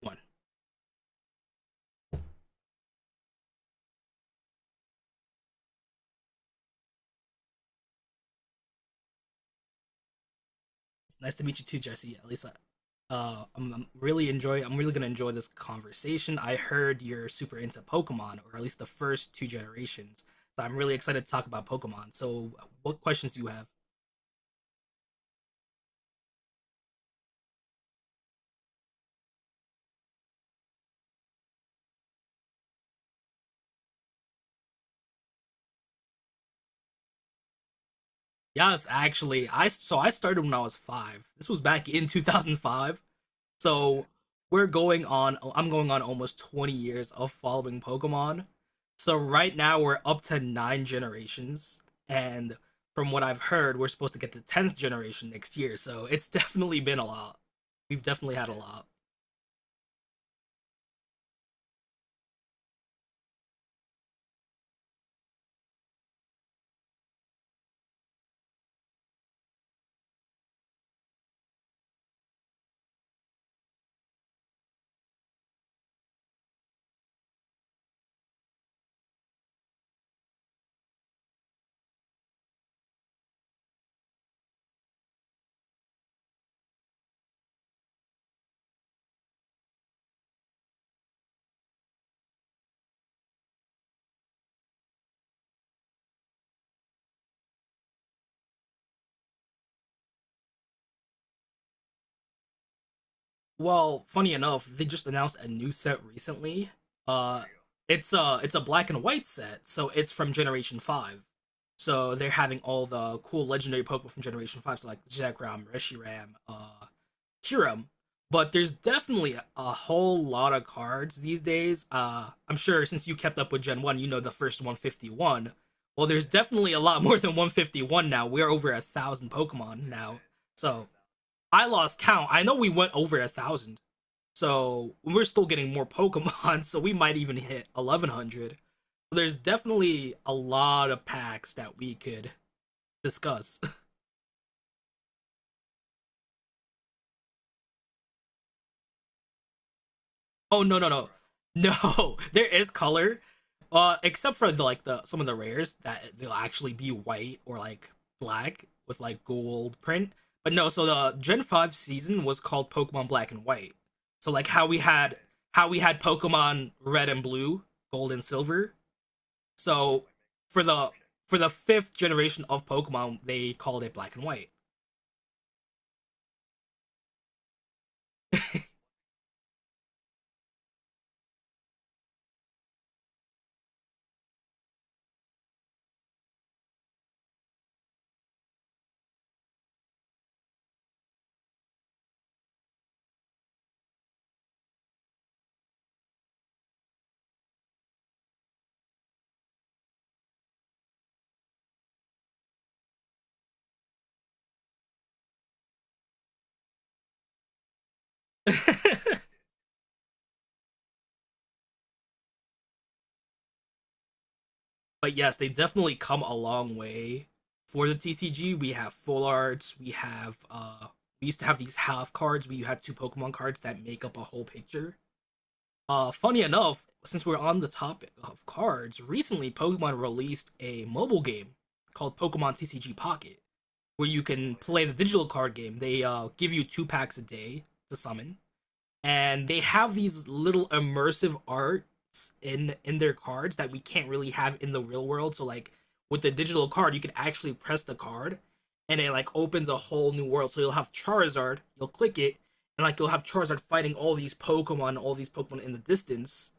One. It's nice to meet you too, Jesse. At least I, I'm really enjoy. I'm really gonna enjoy this conversation. I heard you're super into Pokemon, or at least the first two generations. So I'm really excited to talk about Pokemon. So, what questions do you have? Yes, actually, I started when I was five. This was back in 2005. So we're going on I'm going on almost 20 years of following Pokemon. So right now we're up to 9 generations, and from what I've heard we're supposed to get the 10th generation next year. So it's definitely been a lot. We've definitely had a lot. Well, funny enough, they just announced a new set recently. Uh it's a black and white set, so it's from generation 5. So they're having all the cool legendary Pokemon from Generation Five, so like Zekrom, Reshiram, cure. But there's definitely a whole lot of cards these days. I'm sure since you kept up with Gen 1, you know the first 151. Well, there's definitely a lot more than 151 now. We're over a thousand Pokemon now. So I lost count. I know we went over a thousand. So we're still getting more Pokemon. So we might even hit 1100. There's definitely a lot of packs that we could discuss. Oh no, no, no, no! There is color, except for the like the some of the rares that they'll actually be white or like black with like gold print. But no, so the Gen Five season was called Pokemon Black and White. So how we had Pokemon Red and Blue, Gold and Silver. So for the for the fifth generation of Pokemon, they called it Black and White. but yes, they definitely come a long way for the TCG. We have full arts. We have, we used to have these half cards. We had two Pokemon cards that make up a whole picture. Funny enough, since we're on the topic of cards, recently Pokemon released a mobile game called Pokemon TCG Pocket, where you can play the digital card game. They give you two packs a day to summon, and they have these little immersive arts in their cards that we can't really have in the real world. So like with the digital card, you can actually press the card, and it like opens a whole new world. So you'll have Charizard, you'll click it, and like you'll have Charizard fighting all these Pokemon in the distance,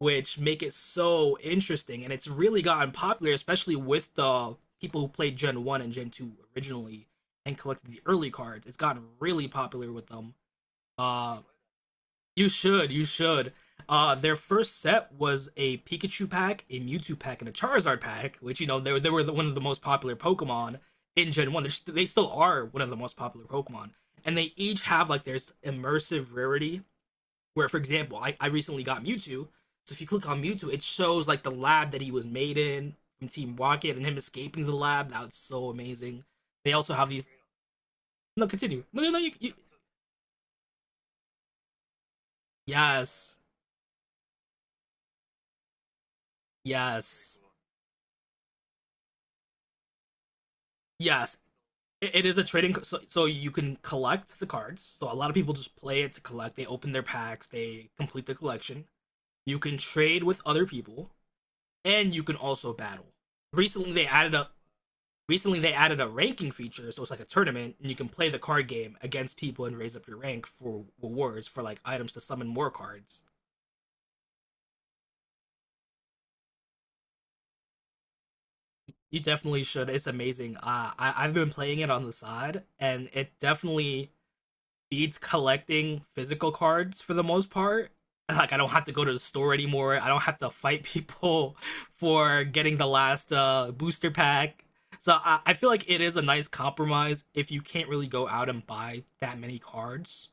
which make it so interesting. And it's really gotten popular, especially with the people who played Gen 1 and Gen 2 originally and collected the early cards. It's gotten really popular with them. uh you should, you should. Their first set was a Pikachu pack, a Mewtwo pack, and a Charizard pack, which you know they were one of the most popular Pokemon in Gen One. They're they still are one of the most popular Pokemon, and they each have like their immersive rarity. Where, for example, I recently got Mewtwo, so if you click on Mewtwo, it shows like the lab that he was made in from Team Rocket and him escaping the lab. That was so amazing. They also have these. No, continue. No, no, no. Yes, yes, yes. It is a trading, so, so you can collect the cards. So a lot of people just play it to collect. They open their packs, they complete the collection. You can trade with other people, and you can also battle. Recently, they added a recently they added a ranking feature, so it's like a tournament, and you can play the card game against people and raise up your rank for rewards for like items to summon more cards. You definitely should. It's amazing. I've been playing it on the side, and it definitely beats collecting physical cards for the most part. Like I don't have to go to the store anymore. I don't have to fight people for getting the last booster pack. So I feel like it is a nice compromise if you can't really go out and buy that many cards.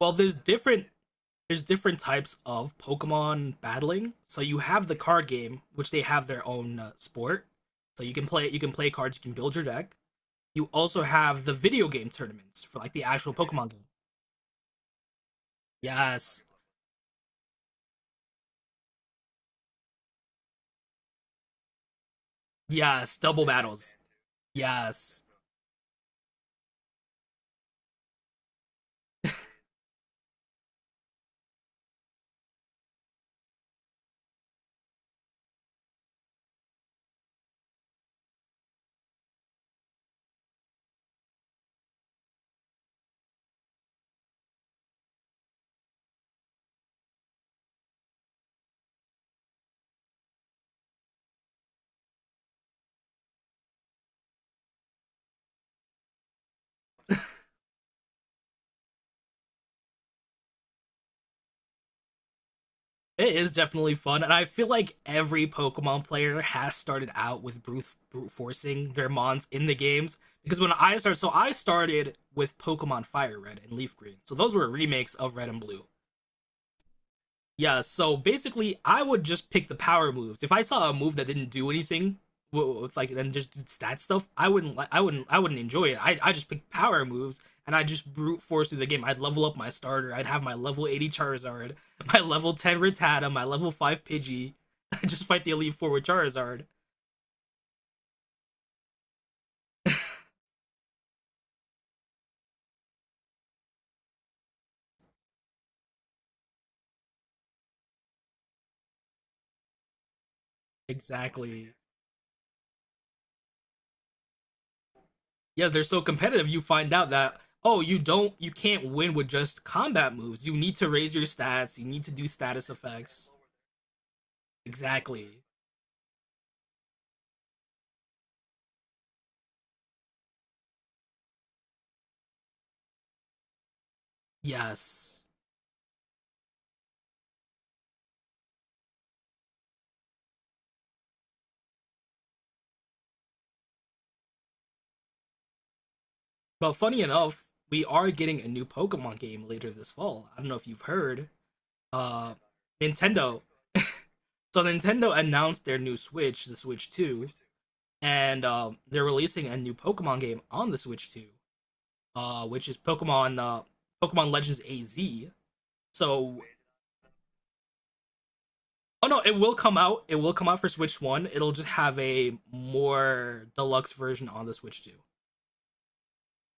Well, there's different types of Pokemon battling. So you have the card game, which they have their own sport. So you can play cards, you can build your deck. You also have the video game tournaments for like the actual Pokemon game. Yes. Yes, double battles. Yes. It is definitely fun, and I feel like every Pokemon player has started out with brute forcing their mons in the games. Because when I started, I started with Pokemon Fire Red and Leaf Green. So those were remakes of Red and Blue. Yeah, so basically, I would just pick the power moves. If I saw a move that didn't do anything, with like and just did stat stuff, I wouldn't enjoy it. I just pick power moves, and I just brute force through the game. I'd level up my starter. I'd have my level 80 Charizard, my level 10 Rattata, my level 5 Pidgey. I just fight the elite four with Charizard. Exactly. Yes, they're so competitive. You find out that oh, you can't win with just combat moves. You need to raise your stats. You need to do status effects. Exactly. Yes. But funny enough, we are getting a new Pokemon game later this fall. I don't know if you've heard. Uh Nintendo. So Nintendo announced their new Switch, the Switch 2, and they're releasing a new Pokemon game on the Switch 2, which is Pokemon Pokemon Legends AZ. So, oh no, it will come out. It will come out for Switch 1. It'll just have a more deluxe version on the Switch 2.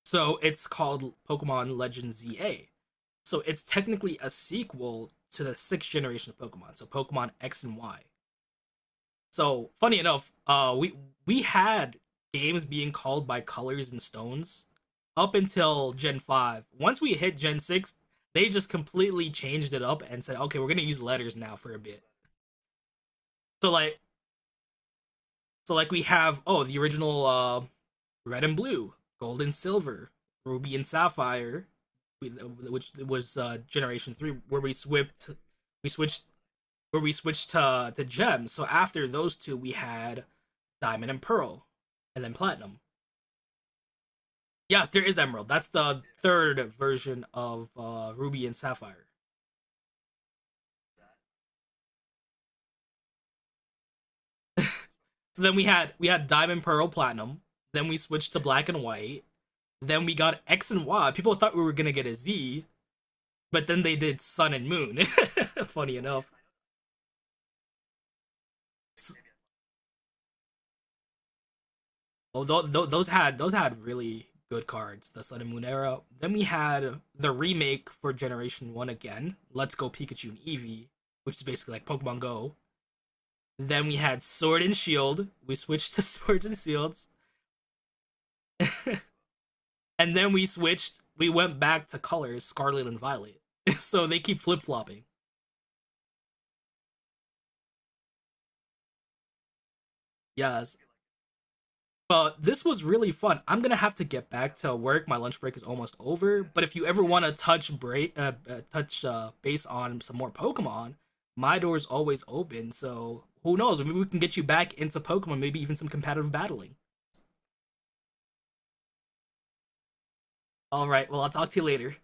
So it's called Pokemon Legends ZA. So it's technically a sequel to the sixth generation of Pokemon, so Pokemon X and Y. So funny enough, we had games being called by colors and stones up until Gen five. Once we hit Gen six, they just completely changed it up and said, okay, we're gonna use letters now for a bit. So like we have oh the original red and blue, gold and silver, ruby and sapphire, which was Generation Three, where we switched we switched to gems. So after those two, we had diamond and pearl, and then platinum. Yes, there is emerald. That's the third version of ruby and sapphire. So then we had diamond, pearl, platinum. Then we switched to black and white. Then we got X and Y. People thought we were gonna get a Z, but then they did sun and moon. Funny enough, oh, those had really good cards. The Sun and Moon era. Then we had the remake for Generation One again. Let's Go Pikachu and Eevee, which is basically like Pokemon Go. Then we had Sword and Shield. We switched to Swords and Shields, and then we switched. We went back to colors Scarlet and Violet. so they keep flip flopping. Yeah, but this was really fun. I'm gonna have to get back to work. My lunch break is almost over. But if you ever want to touch base on some more Pokemon, my door's always open. So who knows? Maybe we can get you back into Pokemon. Maybe even some competitive battling. All right. Well, I'll talk to you later.